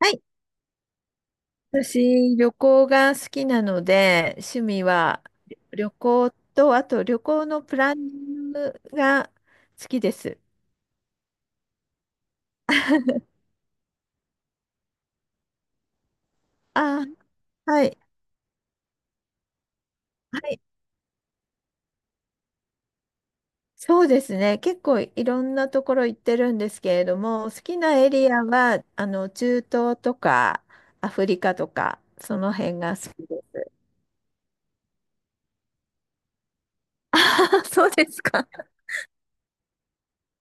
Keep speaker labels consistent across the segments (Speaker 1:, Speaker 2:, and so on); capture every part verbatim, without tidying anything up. Speaker 1: はい、私、旅行が好きなので、趣味は旅旅行と、あと旅行のプランニングが好きです。あ、はい、はい、そうですね。結構いろんなところ行ってるんですけれども、好きなエリアは、あの、中東とか、アフリカとか、その辺が好きです。あー、そうですか。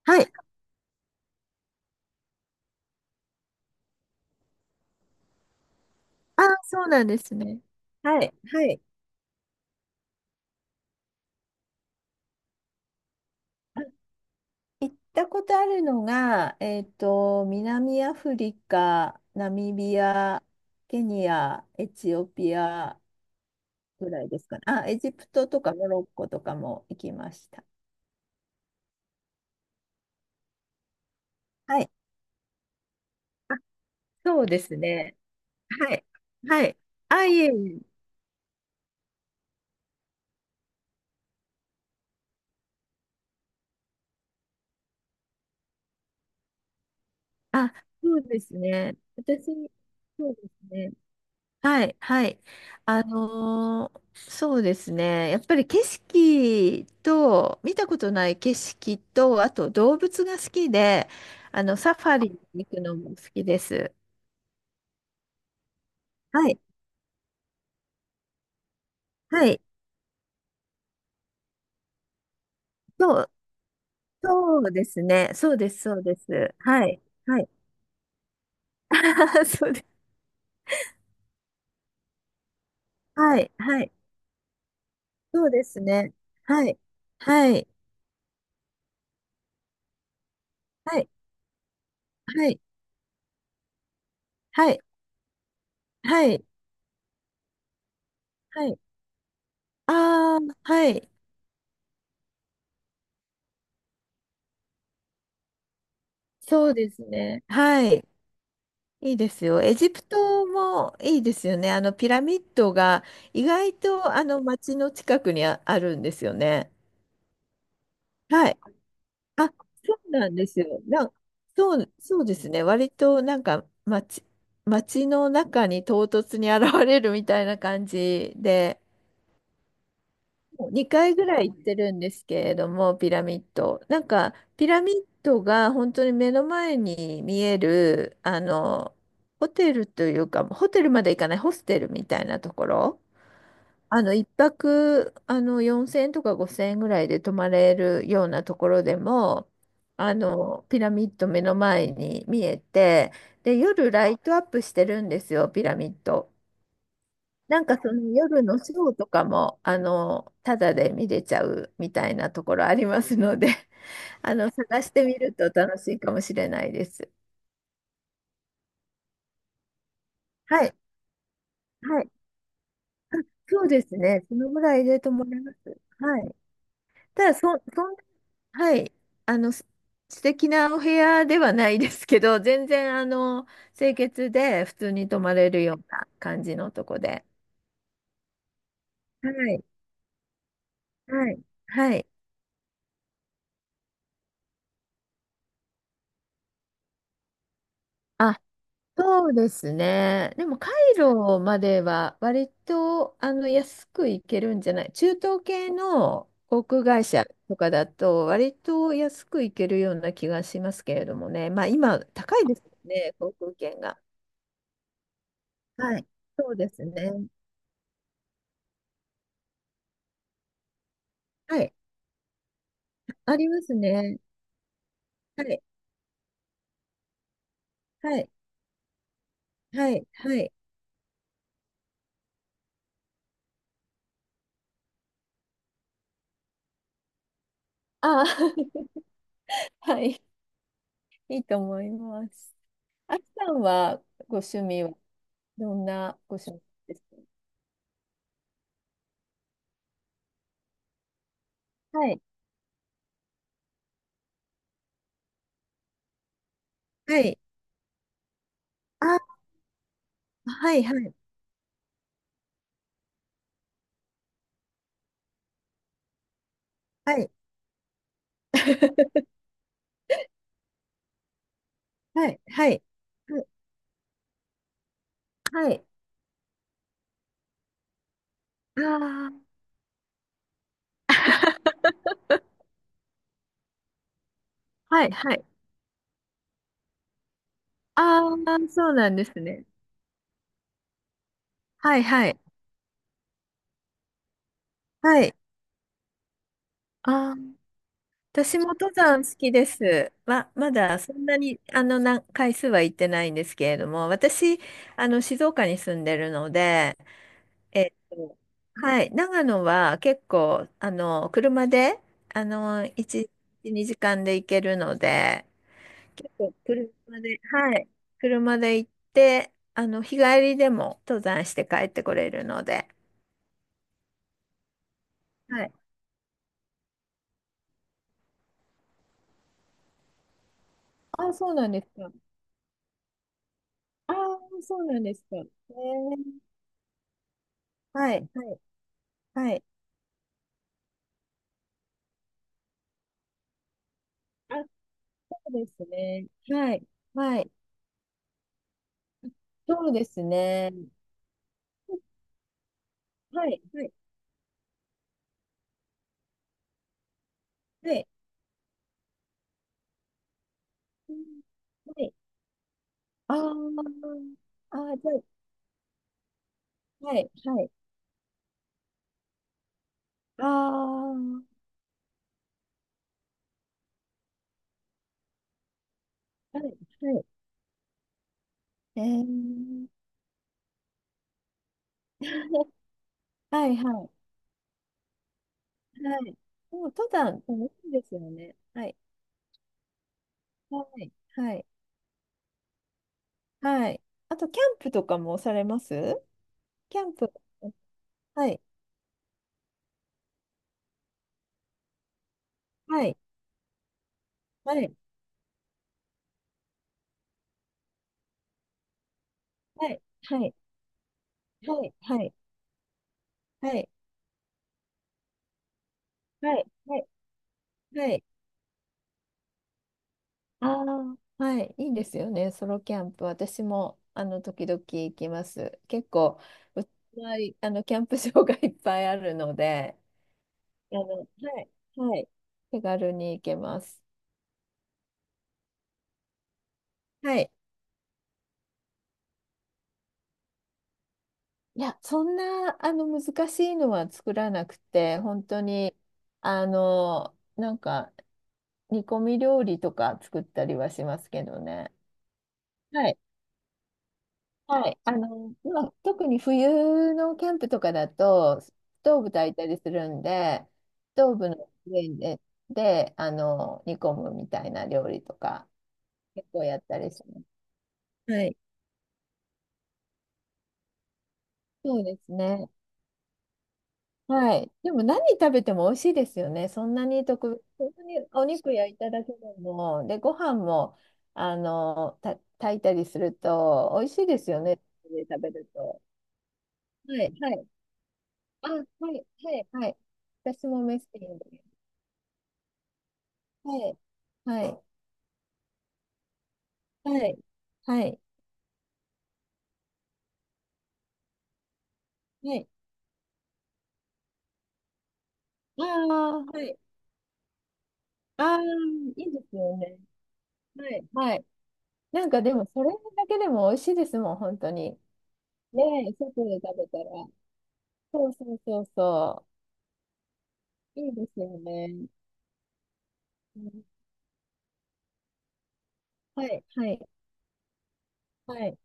Speaker 1: はい。あー、そうなんですね。はい、はい。行ったことあるのが、えっと、南アフリカ、ナミビア、ケニア、エチオピアぐらいですかね。あ、エジプトとかモロッコとかも行きました。はい。あ、そうですね。はい。はい。あ、いえいえ。あ、そうですね。私、そうですね。はい、はい。あのーそうですね。やっぱり景色と、見たことない景色と、あと動物が好きで、あの、サファリに行くのも好きです。はい、はい。そう、そうですね。そうです、そうです。はい、はい。そうです。はい、はい。そうですね。はい、はい、はい、はい、はい、はい、はい。ああ、はい。そうですね。はい。いいですよ。エジプトもいいですよね。あのピラミッドが意外とあの街の近くにあ、あるんですよね。はい。あ、そうなんですよ。なんそう、そうですね。割となんか街、街の中に唐突に現れるみたいな感じで、にかいぐらい行ってるんですけれども、ピラミッド。なんか、ピラミッドが本当に目の前に見える、あの、ホテルというか、ホテルまで行かない、ホステルみたいなところ、あの、一泊、あの、よんせんえんとかごせんえんぐらいで泊まれるようなところでも、あの、ピラミッド目の前に見えて、で、夜ライトアップしてるんですよ、ピラミッド。なんかその夜のショーとかも、あの、ただで見れちゃうみたいなところありますので、あの、探してみると楽しいかもしれないです。はい。はい。そうですね。そのぐらいでと思います。はい。ただ、そ、そん、はい。あの、す素敵なお部屋ではないですけど、全然、あの、清潔で普通に泊まれるような感じのとこで。はい。はい。はい。あそうですね。でも、カイロまでは割とあの安く行けるんじゃない中東系の航空会社とかだと割と安く行けるような気がしますけれどもね。まあ今高いですよね、航空券が。はい。そうですね。はい。ありますね。はい。はい。はい。はい。ああ、はい。いいと思います。あきさんはご趣味はどんなご趣味ですか。はい。はい。あはいはい。はい。はい。はい。はい。はい。はい。ああ、そうなんですね。はい。はい。はい。ああ、私も登山好きです。ま、まだそんなに、あの、な、回数は行ってないんですけれども、私、あの、静岡に住んでるので、えっと、はい。長野は結構、あの、車で、あの、いち、にじかんで行けるので、そう車で、はい。車で行って、あの、日帰りでも登山して帰ってこれるので。はい。あ、そうなんですか。ああそうなんですか。ねはい、はい、はい。あ、そうですね。はい、はい。そうですね。はい、はい、はい。うんはい。ああああじゃあはい、はい。ああはい、はい。えー、はい、はい。はい。もう登山、楽しいいですよね。はい。はい。はい。はい。あと、キャンプとかもされますキャンプ。はい。はい。はい。はい。はい。はい。はい。はい。はい。はい。はい。ああ、はい。いいですよね。ソロキャンプ。私も、あの、時々行きます。結構、うちの周りあの、キャンプ場が いっぱいあるので、あの、はい。はい。手軽に行けます。はい。いや、そんな、あの、難しいのは作らなくて、本当に、あの、なんか、煮込み料理とか作ったりはしますけどね。はい。はい。あの、まあ、特に冬のキャンプとかだと、ストーブ炊いたりするんで、ストーブの上で、で、あの、煮込むみたいな料理とか、結構やったりします。はい。そうですね。はい。でも何食べても美味しいですよね。そんなに特別、本当にお肉焼いただけでも、で、ご飯も、あの、た、炊いたりすると美味しいですよね。食べると。はい、はい。あ、はい、はい、はい。私もメスティンで。はい、はい、はい、はい、はい。ああ、はい。ああ、いいですよね。はい、はい。なんかでも、それだけでも美味しいですもん、本当に。ねえ、外で食べたら。そうそうそうそう。いいですよね。うんはい、はい、はい、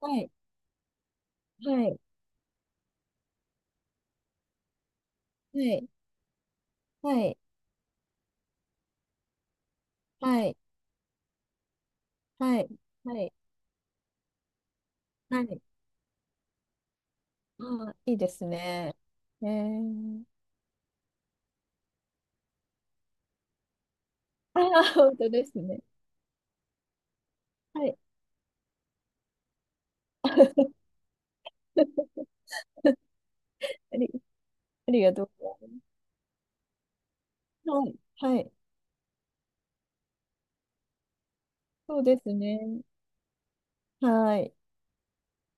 Speaker 1: はい、はい、はい、はい、はい、はい、はい、はい。ああ、いいですね。えー、ああ、本当ですね。はい、あり、ありがとうございます。はい、はい、そうですね。はい。